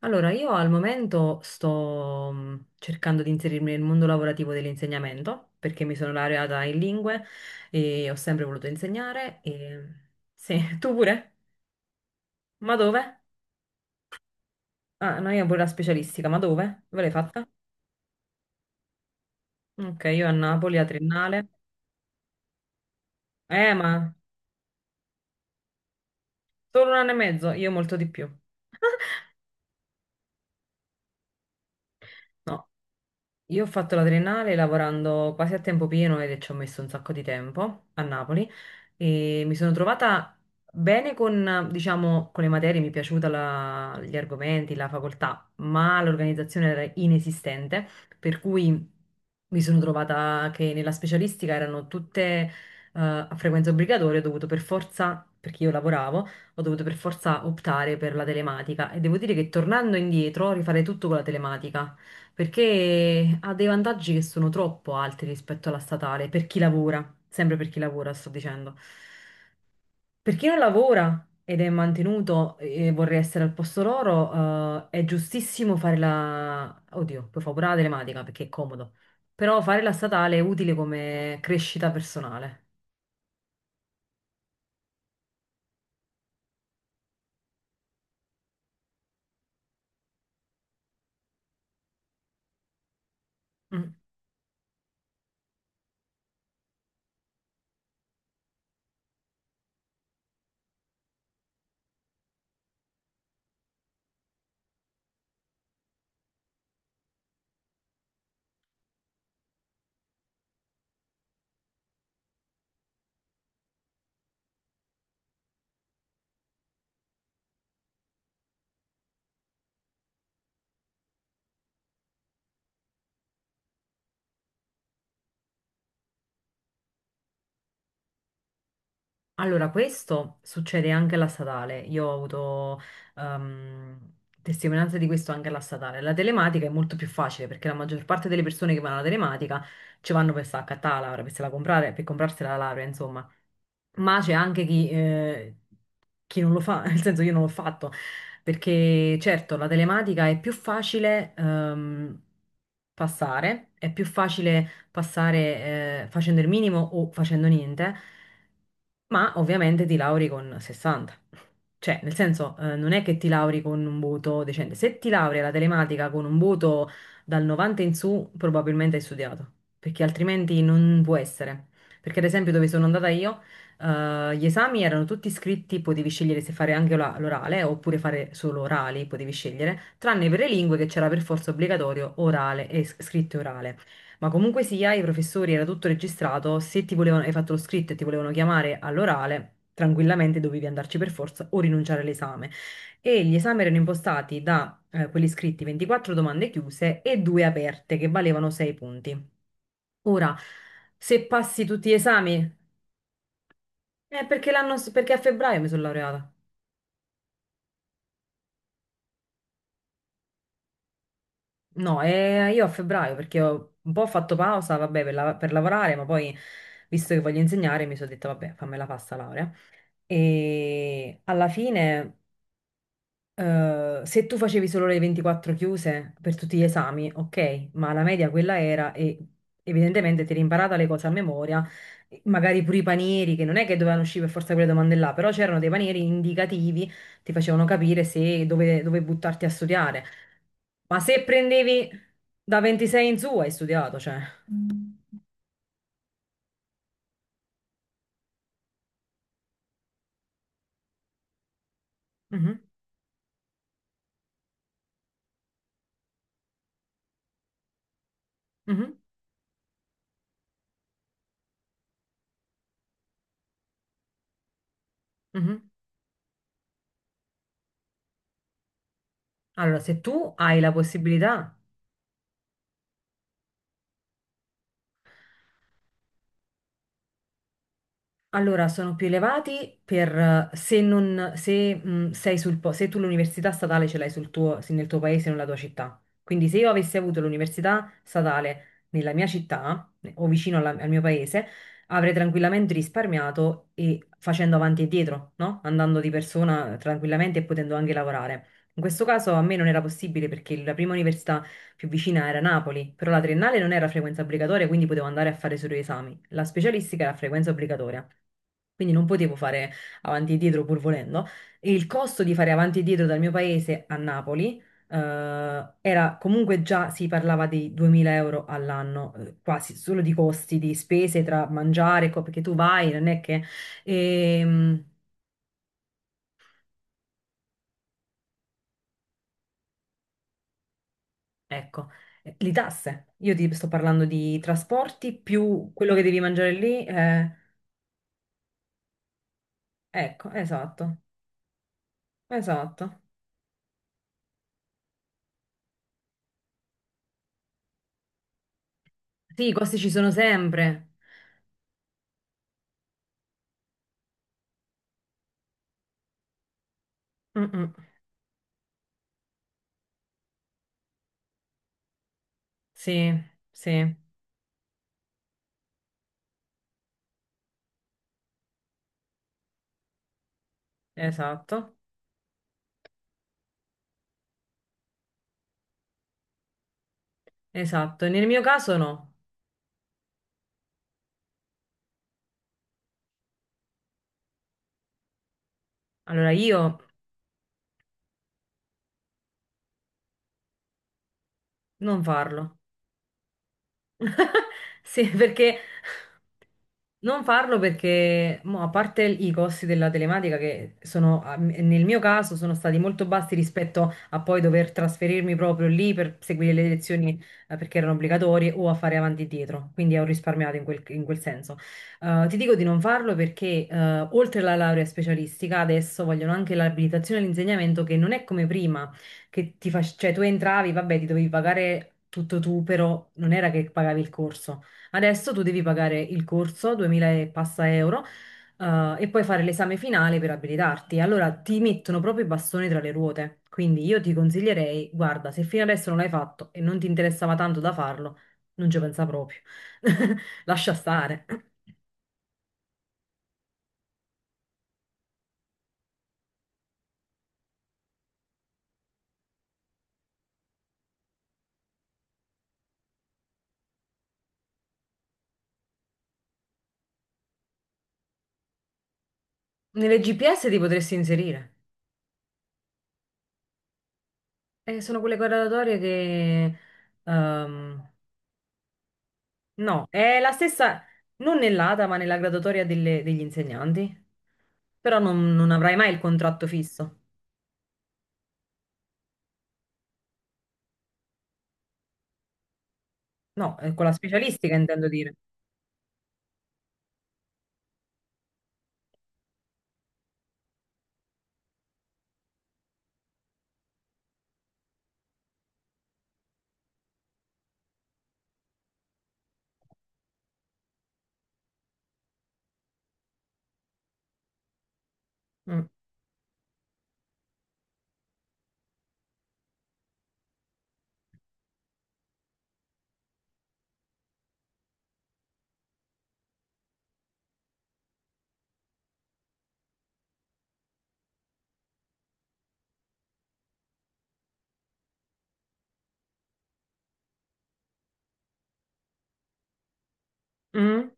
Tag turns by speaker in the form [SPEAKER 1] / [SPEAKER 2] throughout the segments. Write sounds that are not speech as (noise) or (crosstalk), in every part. [SPEAKER 1] Allora, io al momento sto cercando di inserirmi nel mondo lavorativo dell'insegnamento perché mi sono laureata in lingue e ho sempre voluto insegnare. E... Sì, (laughs) tu pure? Ma dove? Ah, no, io pure la specialistica, ma dove? Dove l'hai fatta? Ok, io a Napoli, a Triennale. Ma solo un anno e mezzo, io molto di più. (laughs) No. Io ho fatto la triennale lavorando quasi a tempo pieno ed ci ho messo un sacco di tempo a Napoli e mi sono trovata bene con, diciamo, con le materie, mi è piaciuta gli argomenti, la facoltà, ma l'organizzazione era inesistente, per cui mi sono trovata che nella specialistica erano tutte a frequenza obbligatoria, ho dovuto per forza, perché io lavoravo, ho dovuto per forza optare per la telematica e devo dire che tornando indietro rifare tutto con la telematica perché ha dei vantaggi che sono troppo alti rispetto alla statale, per chi lavora, sempre per chi lavora, sto dicendo. Per chi non lavora ed è mantenuto e vorrei essere al posto loro, è giustissimo fare la... Oddio, poi fa pure la telematica perché è comodo, però fare la statale è utile come crescita personale. Mm. Allora, questo succede anche alla statale. Io ho avuto ehm, testimonianza di questo anche alla statale. La telematica è molto più facile perché la maggior parte delle persone che vanno alla telematica ci vanno per scattare la laurea, per se la comprare, per comprarsi la laurea, insomma. Ma c'è anche chi non lo fa, (laughs) nel senso io non l'ho fatto, perché certo la telematica è più facile è più facile passare facendo il minimo o facendo niente, ma ovviamente ti lauri con 60. Cioè, nel senso, non è che ti lauri con un voto decente. Se ti laurea la telematica con un voto dal 90 in su, probabilmente hai studiato, perché altrimenti non può essere. Perché ad esempio dove sono andata io, gli esami erano tutti scritti, potevi scegliere se fare anche l'orale oppure fare solo orali, potevi scegliere, tranne per le lingue che c'era per forza obbligatorio orale e scritto e orale. Ma comunque sia, i professori era tutto registrato, se ti volevano, hai fatto lo scritto e ti volevano chiamare all'orale, tranquillamente dovevi andarci per forza o rinunciare all'esame. E gli esami erano impostati da quelli scritti 24 domande chiuse e due aperte che valevano 6 punti. Ora, se passi tutti gli esami, è perché l'anno, perché a febbraio mi sono laureata. No, io a febbraio perché ho un po' fatto pausa, vabbè, per lavorare, ma poi, visto che voglio insegnare, mi sono detta, vabbè, fammela pasta laurea. E alla fine, se tu facevi solo le 24 chiuse per tutti gli esami, ok, ma la media quella era e evidentemente ti eri imparata le cose a memoria, magari pure i panieri, che non è che dovevano uscire per forza quelle domande là, però c'erano dei panieri indicativi, ti facevano capire se dove, dove buttarti a studiare. Ma se prendevi da 26 in su, hai studiato, cioè. Mm. Mhm, mhm, mhm. Allora, se tu hai la possibilità. Allora, sono più elevati per se, non, se, sei sul, po- se tu l'università statale ce l'hai sul tuo, se nel tuo paese, nella tua città. Quindi se io avessi avuto l'università statale nella mia città o vicino al mio paese, avrei tranquillamente risparmiato e facendo avanti e dietro, no? Andando di persona tranquillamente e potendo anche lavorare. In questo caso a me non era possibile perché la prima università più vicina era Napoli, però la triennale non era a frequenza obbligatoria, quindi potevo andare a fare solo gli esami. La specialistica era a frequenza obbligatoria, quindi non potevo fare avanti e dietro pur volendo. E il costo di fare avanti e dietro dal mio paese a Napoli, era comunque già si parlava di 2000 euro all'anno, quasi solo di costi, di spese tra mangiare, perché tu vai, non è che... Ehm, ecco. Le tasse, io ti sto parlando di trasporti più quello che devi mangiare lì. Ecco, esatto, esatto. Sì, i costi ci sono sempre. Mm-mm. Sì, sì, esatto, esatto. Nel mio caso no. Allora io non farlo. (laughs) Sì, perché non farlo perché, mo, a parte i costi della telematica che nel mio caso, sono stati molto bassi rispetto a poi dover trasferirmi proprio lì per seguire le lezioni, perché erano obbligatorie o a fare avanti e dietro, quindi ho risparmiato in quel senso. Ti dico di non farlo perché, oltre alla laurea specialistica, adesso vogliono anche l'abilitazione all'insegnamento che non è come prima, che cioè tu entravi, vabbè, ti dovevi pagare tutto tu, però non era che pagavi il corso. Adesso tu devi pagare il corso, 2000 e passa euro, e poi fare l'esame finale per abilitarti. Allora ti mettono proprio i bastoni tra le ruote. Quindi io ti consiglierei, guarda, se fino adesso non l'hai fatto e non ti interessava tanto da farlo, non ci pensa proprio. (laughs) Lascia stare. Nelle GPS ti potresti inserire. Sono quelle graduatorie che... ehm, no, è la stessa, non nell'ATA, ma nella graduatoria degli insegnanti. Però non avrai mai il contratto fisso. No, con la specialistica intendo dire. Mm. Mm.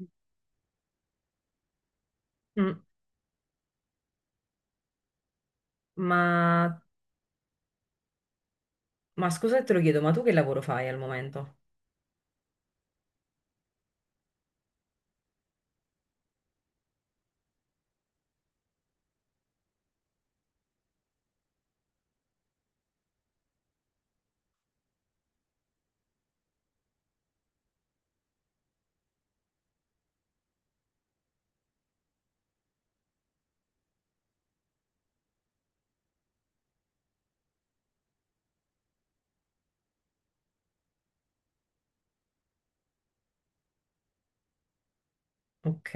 [SPEAKER 1] Mm. Mm. Ma, ma scusa se te lo chiedo, ma tu che lavoro fai al momento? Ok.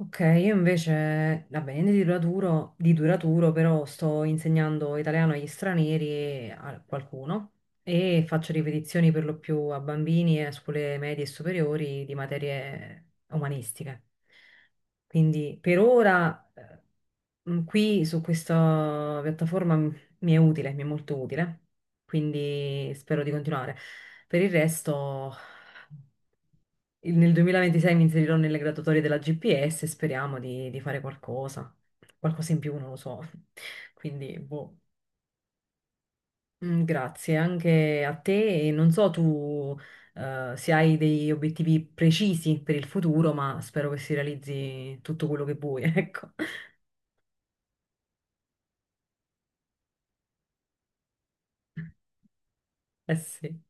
[SPEAKER 1] Ok, io invece, vabbè, niente di duraturo, però sto insegnando italiano agli stranieri e a qualcuno e faccio ripetizioni per lo più a bambini e a scuole medie e superiori di materie umanistiche. Quindi per ora qui su questa piattaforma mi è molto utile, quindi spero di continuare. Per il resto. Nel 2026 mi inserirò nelle graduatorie della GPS e speriamo di fare qualcosa in più, non lo so. (laughs) Quindi, boh. Mm, grazie anche a te e non so tu se hai degli obiettivi precisi per il futuro, ma spero che si realizzi tutto quello che vuoi, (laughs) ecco. Eh sì.